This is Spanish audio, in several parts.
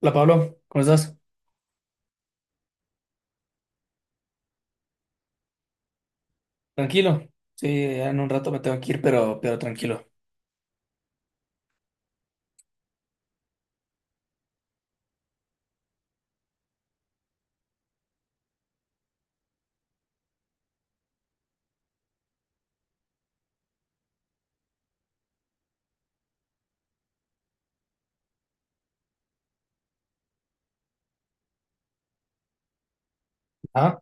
Hola Pablo, ¿cómo estás? Tranquilo. Sí, ya en un rato me tengo que ir, pero tranquilo. Ah,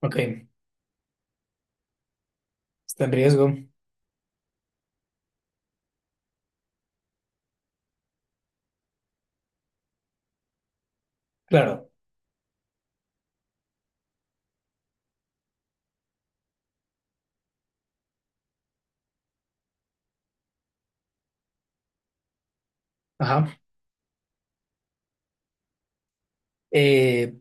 ok. Está en riesgo. Claro. Ajá. Eh,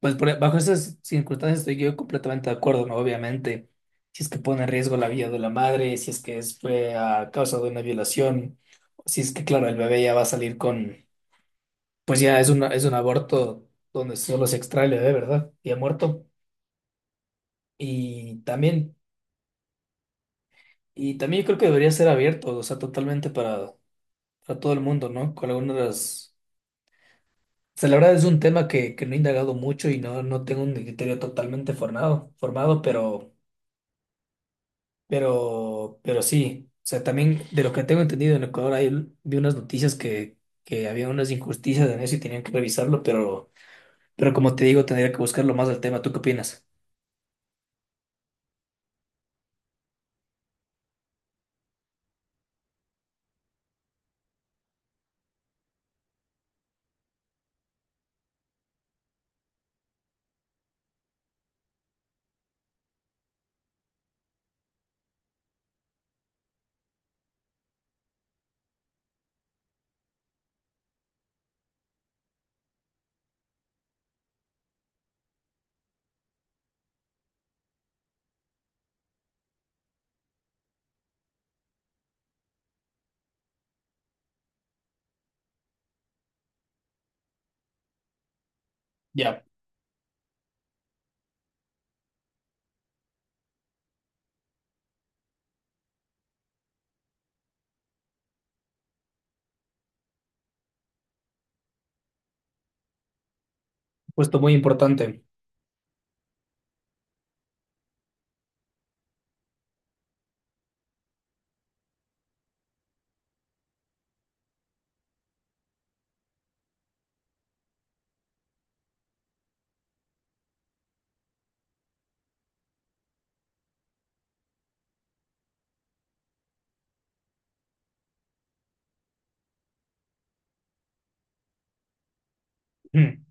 Bajo esas circunstancias estoy yo completamente de acuerdo, ¿no? Obviamente, si es que pone en riesgo la vida de la madre, si es que es, fue a causa de una violación, si es que, claro, el bebé ya va a salir con, pues ya es una, es un aborto donde solo se extrae el bebé, ¿verdad? Y ha muerto. Y también, y también yo creo que debería ser abierto, o sea, totalmente para a todo el mundo, ¿no? Con algunas de las... O sea, la verdad es un tema que no he indagado mucho y no tengo un criterio totalmente formado, pero, pero sí. O sea, también de lo que tengo entendido en Ecuador, ahí vi unas noticias que había unas injusticias en eso y tenían que revisarlo, pero como te digo, tendría que buscarlo más al tema. ¿Tú qué opinas? Ya, puesto muy importante. Mm.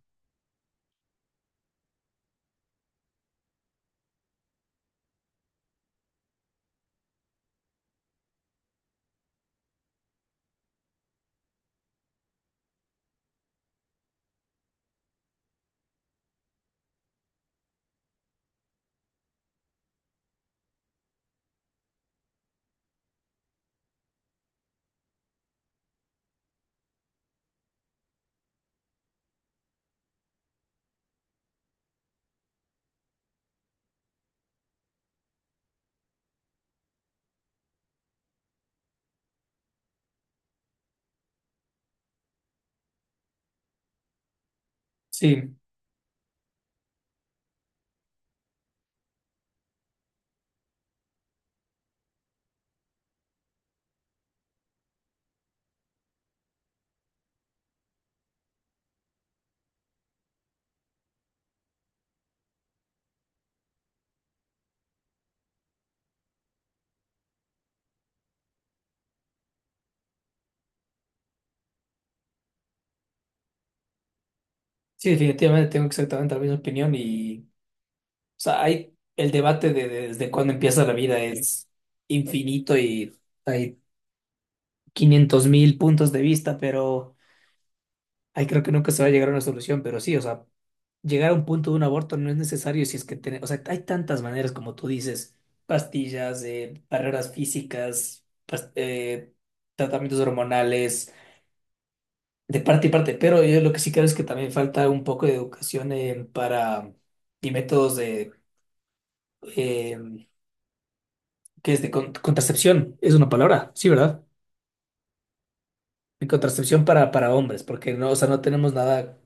Sí, sí, definitivamente tengo exactamente la misma opinión. Y o sea, hay el debate de, desde cuándo empieza la vida, es infinito y hay 500 mil puntos de vista, pero ahí creo que nunca se va a llegar a una solución. Pero sí, o sea, llegar a un punto de un aborto no es necesario si es que tiene, o sea, hay tantas maneras como tú dices: pastillas, barreras físicas, tratamientos hormonales, de parte y parte. Pero yo lo que sí creo es que también falta un poco de educación para y métodos de eh, que es de contracepción, es una palabra, sí, ¿verdad? De contracepción para hombres, porque no, o sea, no tenemos nada,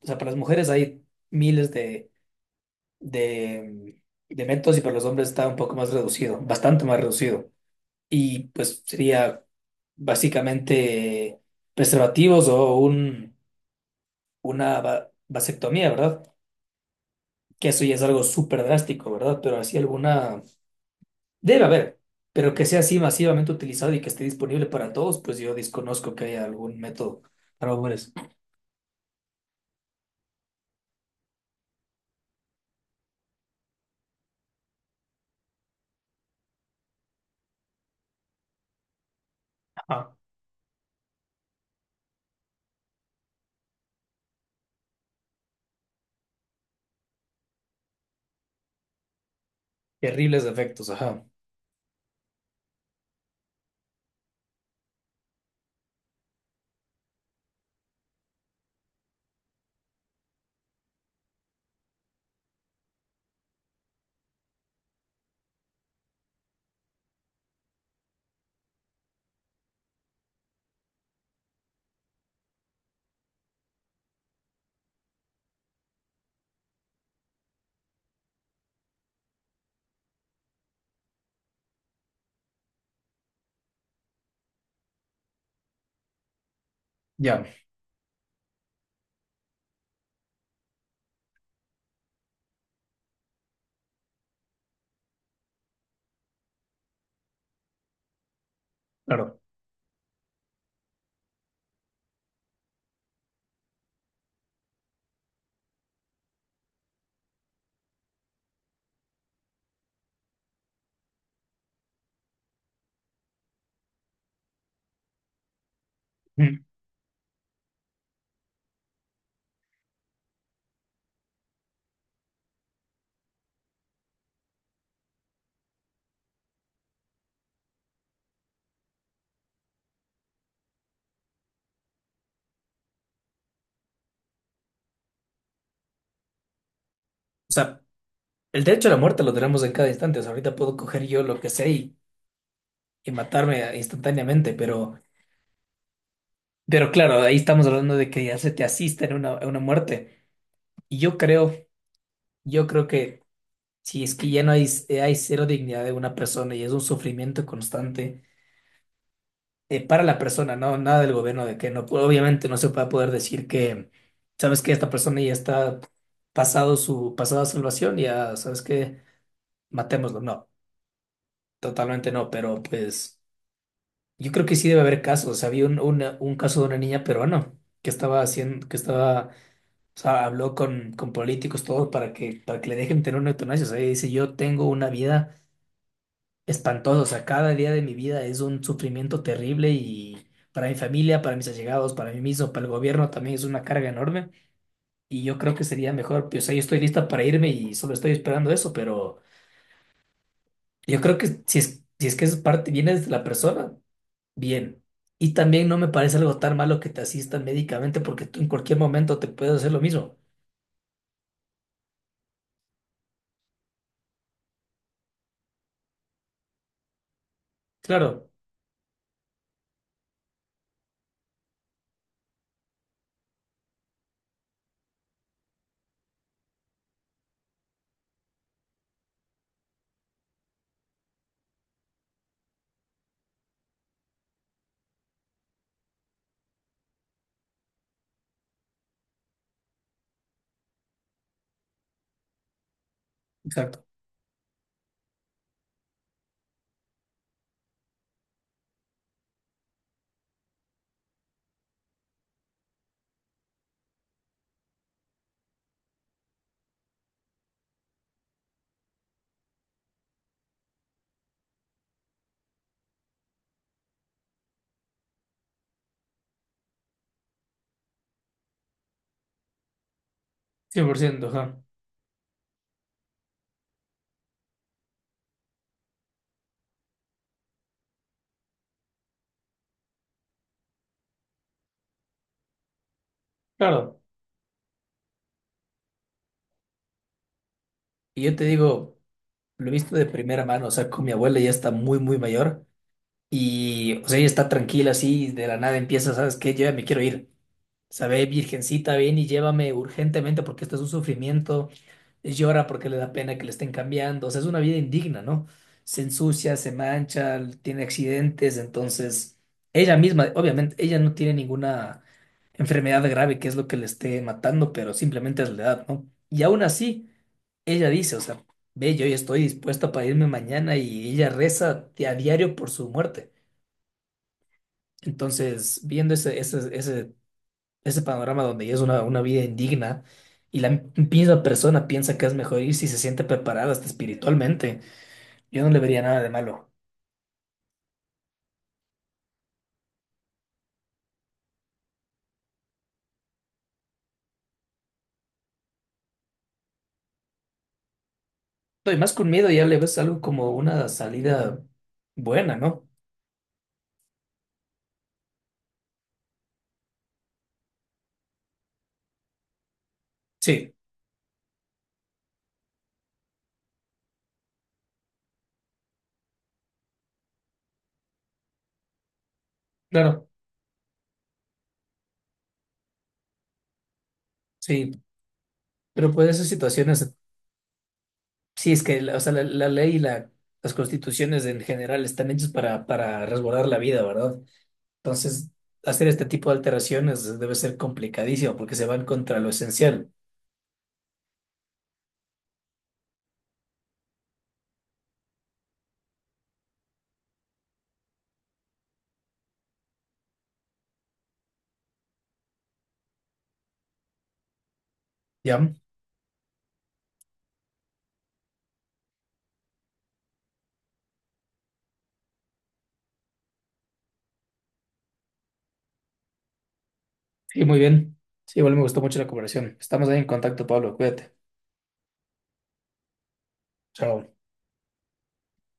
o sea, para las mujeres hay miles de, de métodos y para los hombres está un poco más reducido, bastante más reducido. Y pues sería básicamente preservativos o un, una vasectomía, ¿verdad? Que eso ya es algo súper drástico, ¿verdad? Pero así alguna debe haber, pero que sea así masivamente utilizado y que esté disponible para todos, pues yo desconozco que haya algún método para hombres. Ajá. Terribles defectos, ajá. Ya, claro. Mm. O sea, el derecho a la muerte lo tenemos en cada instante. O sea, ahorita puedo coger yo lo que sé y matarme instantáneamente, pero claro, ahí estamos hablando de que ya se te asista en una muerte. Y yo creo, yo creo que si es que ya no hay, hay cero dignidad de una persona y es un sufrimiento constante para la persona, no nada del gobierno de que no, obviamente no se va a poder decir que, sabes que esta persona ya está pasado su pasada salvación, ya sabes que matémoslo, no, totalmente no, pero pues yo creo que sí debe haber casos. O sea, había un, un caso de una niña peruana que estaba haciendo, que estaba, o sea, habló con políticos, todo para que le dejen tener una eutanasia. O sea, ella dice: yo tengo una vida espantoso. O sea, cada día de mi vida es un sufrimiento terrible y para mi familia, para mis allegados, para mí mismo, para el gobierno también es una carga enorme. Y yo creo que sería mejor, pues, o sea, yo estoy lista para irme y solo estoy esperando eso, pero yo creo que si es, si es que es parte, viene desde la persona, bien. Y también no me parece algo tan malo que te asistan médicamente porque tú en cualquier momento te puedes hacer lo mismo. Claro, exacto, 100%, ajá. Claro. Y yo te digo, lo he visto de primera mano, o sea, con mi abuela, ya está muy, muy mayor. Y, o sea, ella está tranquila así, y de la nada empieza, ¿sabes qué? Yo ya me quiero ir. Sabe, virgencita, ven y llévame urgentemente porque esto es un sufrimiento. Llora porque le da pena que le estén cambiando. O sea, es una vida indigna, ¿no? Se ensucia, se mancha, tiene accidentes. Entonces, ella misma, obviamente, ella no tiene ninguna enfermedad grave que es lo que le esté matando, pero simplemente es la edad, ¿no? Y aún así, ella dice, o sea, ve, yo ya estoy dispuesta para irme mañana, y ella reza a diario por su muerte. Entonces, viendo ese panorama donde ya es una vida indigna y la misma persona piensa que es mejor ir si se siente preparada hasta espiritualmente, yo no le vería nada de malo. No, y más con miedo ya le ves algo como una salida buena, ¿no? Sí, claro, sí, pero pues esas situaciones, sí, es que la, o sea, la ley y las constituciones en general están hechas para resguardar la vida, ¿verdad? Entonces, hacer este tipo de alteraciones debe ser complicadísimo porque se van contra lo esencial. Ya, sí, muy bien. Sí, igual me gustó mucho la conversación. Estamos ahí en contacto, Pablo. Cuídate. Chao.